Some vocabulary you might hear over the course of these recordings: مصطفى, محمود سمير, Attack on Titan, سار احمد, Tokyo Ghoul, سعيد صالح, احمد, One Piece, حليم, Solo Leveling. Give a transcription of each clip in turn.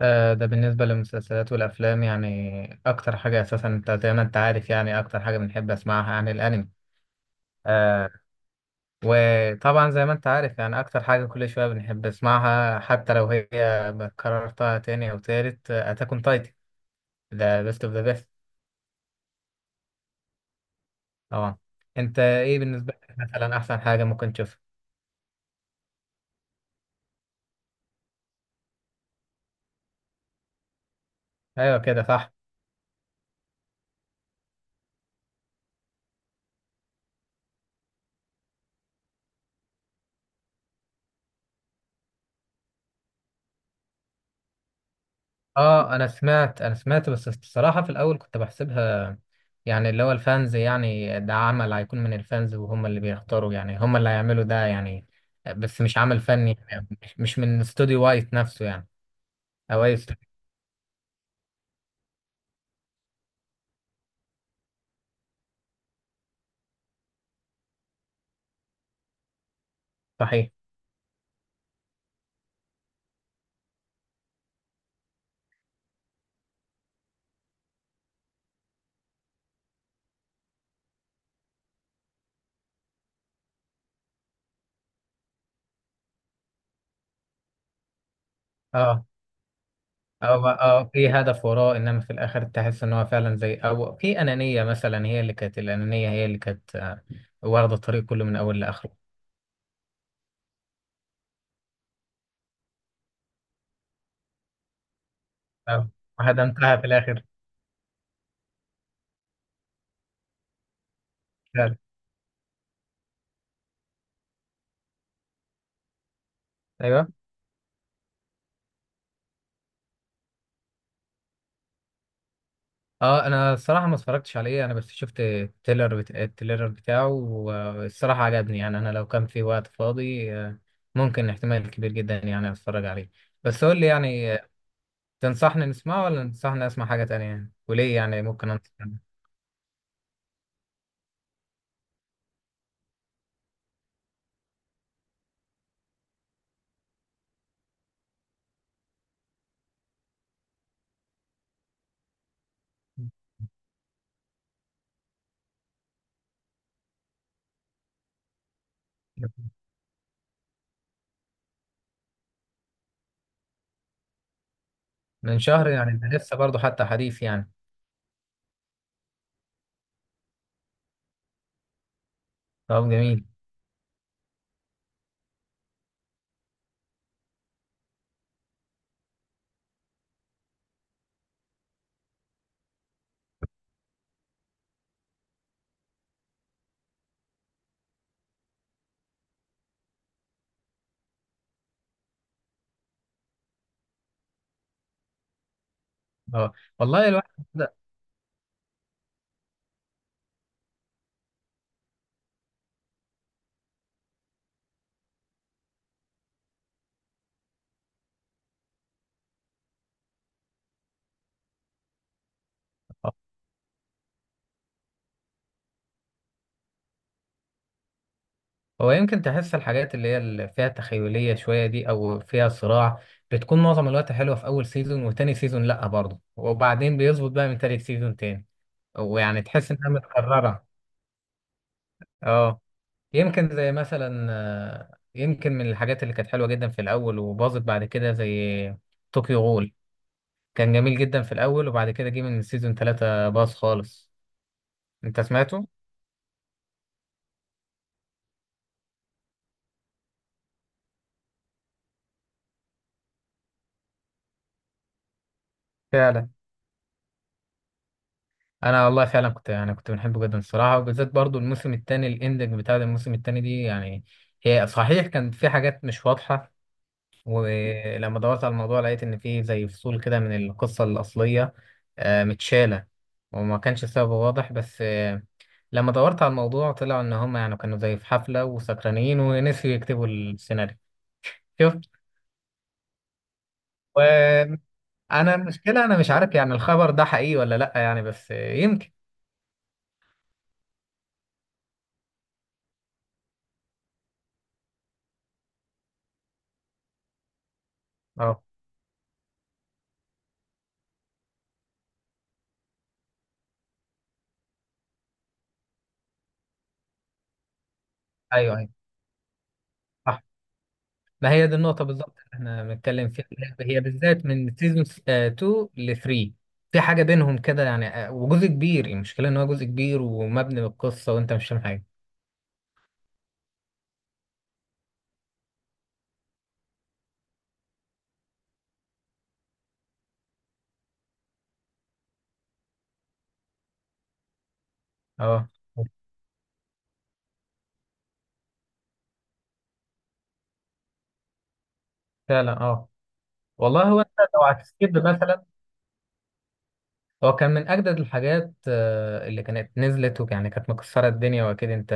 آه، ده بالنسبة للمسلسلات والأفلام يعني أكتر حاجة أساسا، أنت زي ما أنت عارف، يعني أكتر حاجة بنحب أسمعها يعني الأنمي. آه. وطبعا زي ما أنت عارف، يعني أكتر حاجة كل شوية بنحب أسمعها حتى لو هي كررتها تاني أو تالت، أتاك أون تايتن، ده بيست أوف ذا بيست. طبعا. أنت إيه بالنسبة لك مثلا أحسن حاجة ممكن تشوفها؟ أيوه كده صح. اه، انا سمعت بس الصراحه في الاول كنت بحسبها، يعني اللي هو الفانز، يعني ده عمل هيكون من الفانز وهم اللي بيختاروا، يعني هم اللي هيعملوا ده يعني، بس مش عمل فني يعني مش من استوديو وايت نفسه يعني، او اي استوديو. صحيح. اه اه. اه في هدف وراه، انما في الاخر تحس ان هو فعلا زي او في انانيه مثلا، هي اللي كانت الانانيه هي اللي كانت، واخده الطريق كله من اول لاخره. آه، وهدمتها في الاخر. فعلا. ايوه. اه انا الصراحه ما اتفرجتش عليه، انا بس شفت التيلر بتاعه والصراحه عجبني يعني، انا لو كان في وقت فاضي ممكن احتمال كبير جدا يعني اتفرج عليه. بس قول لي يعني، تنصحني نسمعه ولا تنصحني اسمع حاجه تانية يعني، وليه يعني ممكن انصح. من شهر يعني؟ ده لسه برضه حتى حديث يعني. طب جميل. اه والله الواحد بدأ. هو يمكن تحس الحاجات اللي هي اللي فيها تخيلية شوية دي أو فيها صراع بتكون معظم الوقت حلوة في أول سيزون وتاني سيزون لأ برضه، وبعدين بيظبط بقى من تالت سيزون تاني، ويعني تحس إنها متكررة. اه. يمكن زي مثلا، يمكن من الحاجات اللي كانت حلوة جدا في الأول وباظت بعد كده زي طوكيو غول. كان جميل جدا في الأول وبعد كده جه من سيزون تلاتة باظ خالص. أنت سمعته؟ فعلا. انا والله فعلا كنت، يعني كنت بنحبه جدا الصراحه، وبالذات برضو الموسم الثاني، الاندنج بتاع الموسم الثاني دي يعني. هي صحيح كان في حاجات مش واضحه، ولما دورت على الموضوع لقيت ان في زي فصول كده من القصه الاصليه متشاله، وما كانش السبب واضح، بس لما دورت على الموضوع طلع ان هم يعني كانوا زي في حفله وسكرانين ونسيوا يكتبوا السيناريو. شوف. وانا المشكله انا مش عارف يعني الخبر ده حقيقي ولا لا يعني، بس يمكن. اه. ايوه ايوه. صح. ما هي دي النقطة بالظبط اللي احنا بنتكلم فيها، هي بالذات من سيزون 2 ل 3، في حاجة بينهم كده يعني، وجزء كبير المشكلة ان هو جزء كبير ومبني بالقصة وانت مش فاهم حاجة. اه فعلا. اه والله. هو انت لو هتسكيب مثلا، هو كان من اجدد الحاجات اللي كانت نزلت ويعني كانت مكسرة الدنيا، واكيد انت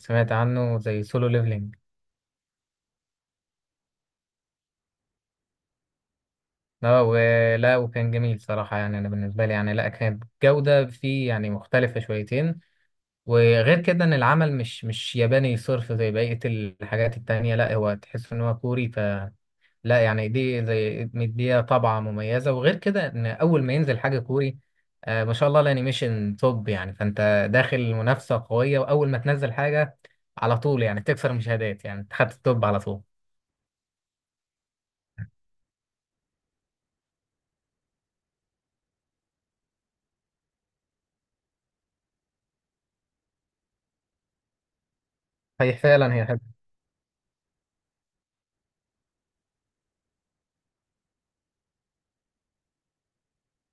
سمعت عنه زي سولو ليفلينج. اه ولا. وكان جميل صراحة يعني، انا بالنسبة لي يعني لا كانت جودة فيه يعني مختلفة شويتين، وغير كده ان العمل مش ياباني صرف زي بقية الحاجات التانية، لا هو تحس ان هو كوري فلا يعني، دي زي مديها طبعة مميزة. وغير كده ان اول ما ينزل حاجة كوري، آه ما شاء الله الانيميشن توب يعني، فانت داخل منافسة قوية، واول ما تنزل حاجة على طول يعني تكسر مشاهدات يعني تحت التوب على طول. هي فعلا هي حلوة.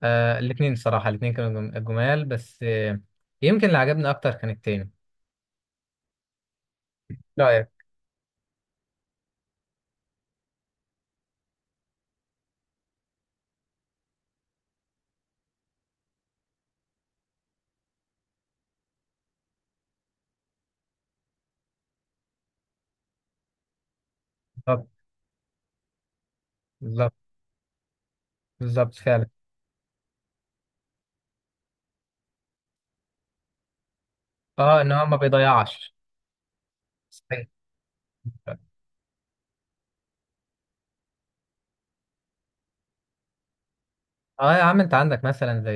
آه الاتنين الصراحة، الاتنين كانوا جمال بس آه. يمكن اللي عجبني اكتر كان التاني. رأيك؟ بالظبط بالظبط بالظبط فعلا. اه ان هو ما بيضيعش. صحيح. اه يا عم، انت عندك مثلا زي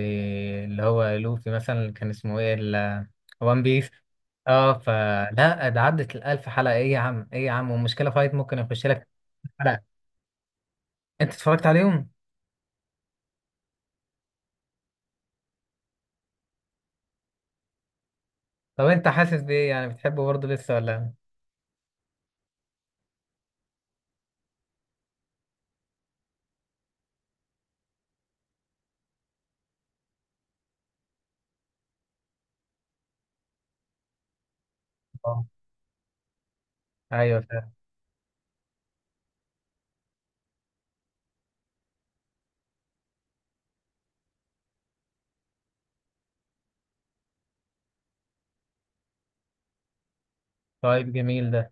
اللي هو لوفي مثلا، اللي كان اسمه ايه وان بيس. اه فلا ده عدت الألف حلقة، ايه يا عم ايه يا عم، والمشكلة فايت ممكن يخش لك في حلقة. انت اتفرجت عليهم؟ طب انت حاسس بايه، يعني بتحبه برضه لسه ولا؟ اه. ايوه فعلا. طيب جميل ده.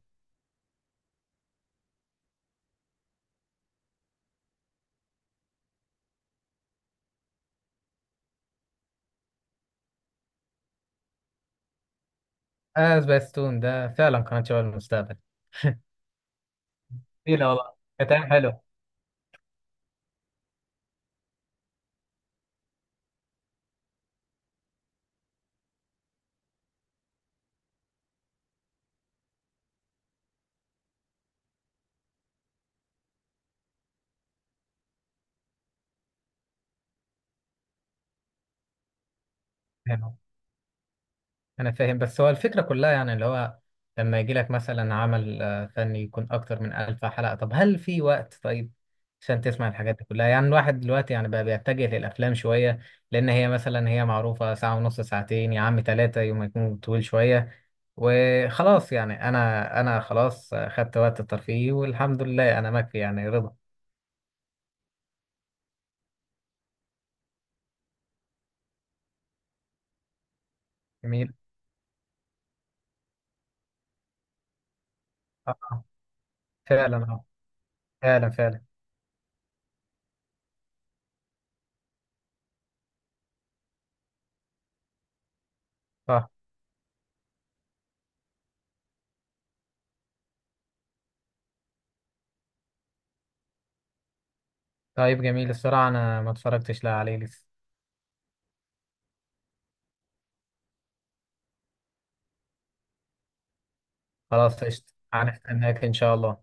اه سبيستون ده فعلا قناة شباب المستقبل. ايه لا والله، كتاب حلو. انا فاهم، بس هو الفكره كلها يعني اللي هو لما يجي لك مثلا عمل فني يكون اكتر من ألف حلقه، طب هل في وقت طيب عشان تسمع الحاجات دي كلها يعني، الواحد دلوقتي يعني بقى بيتجه للافلام شويه، لان هي مثلا هي معروفه ساعه ونص ساعتين يا عم ثلاثه يوم، ما يكون طويل شويه وخلاص يعني، انا خلاص خدت وقت الترفيه والحمد لله انا مكفي يعني رضا. جميل. اه فعلا. اه فعلا فعلا. اه. طيب جميل الصراحه انا ما اتفرجتش لا عليه لسه. خلاص قشطة. هنستناك إن شاء الله.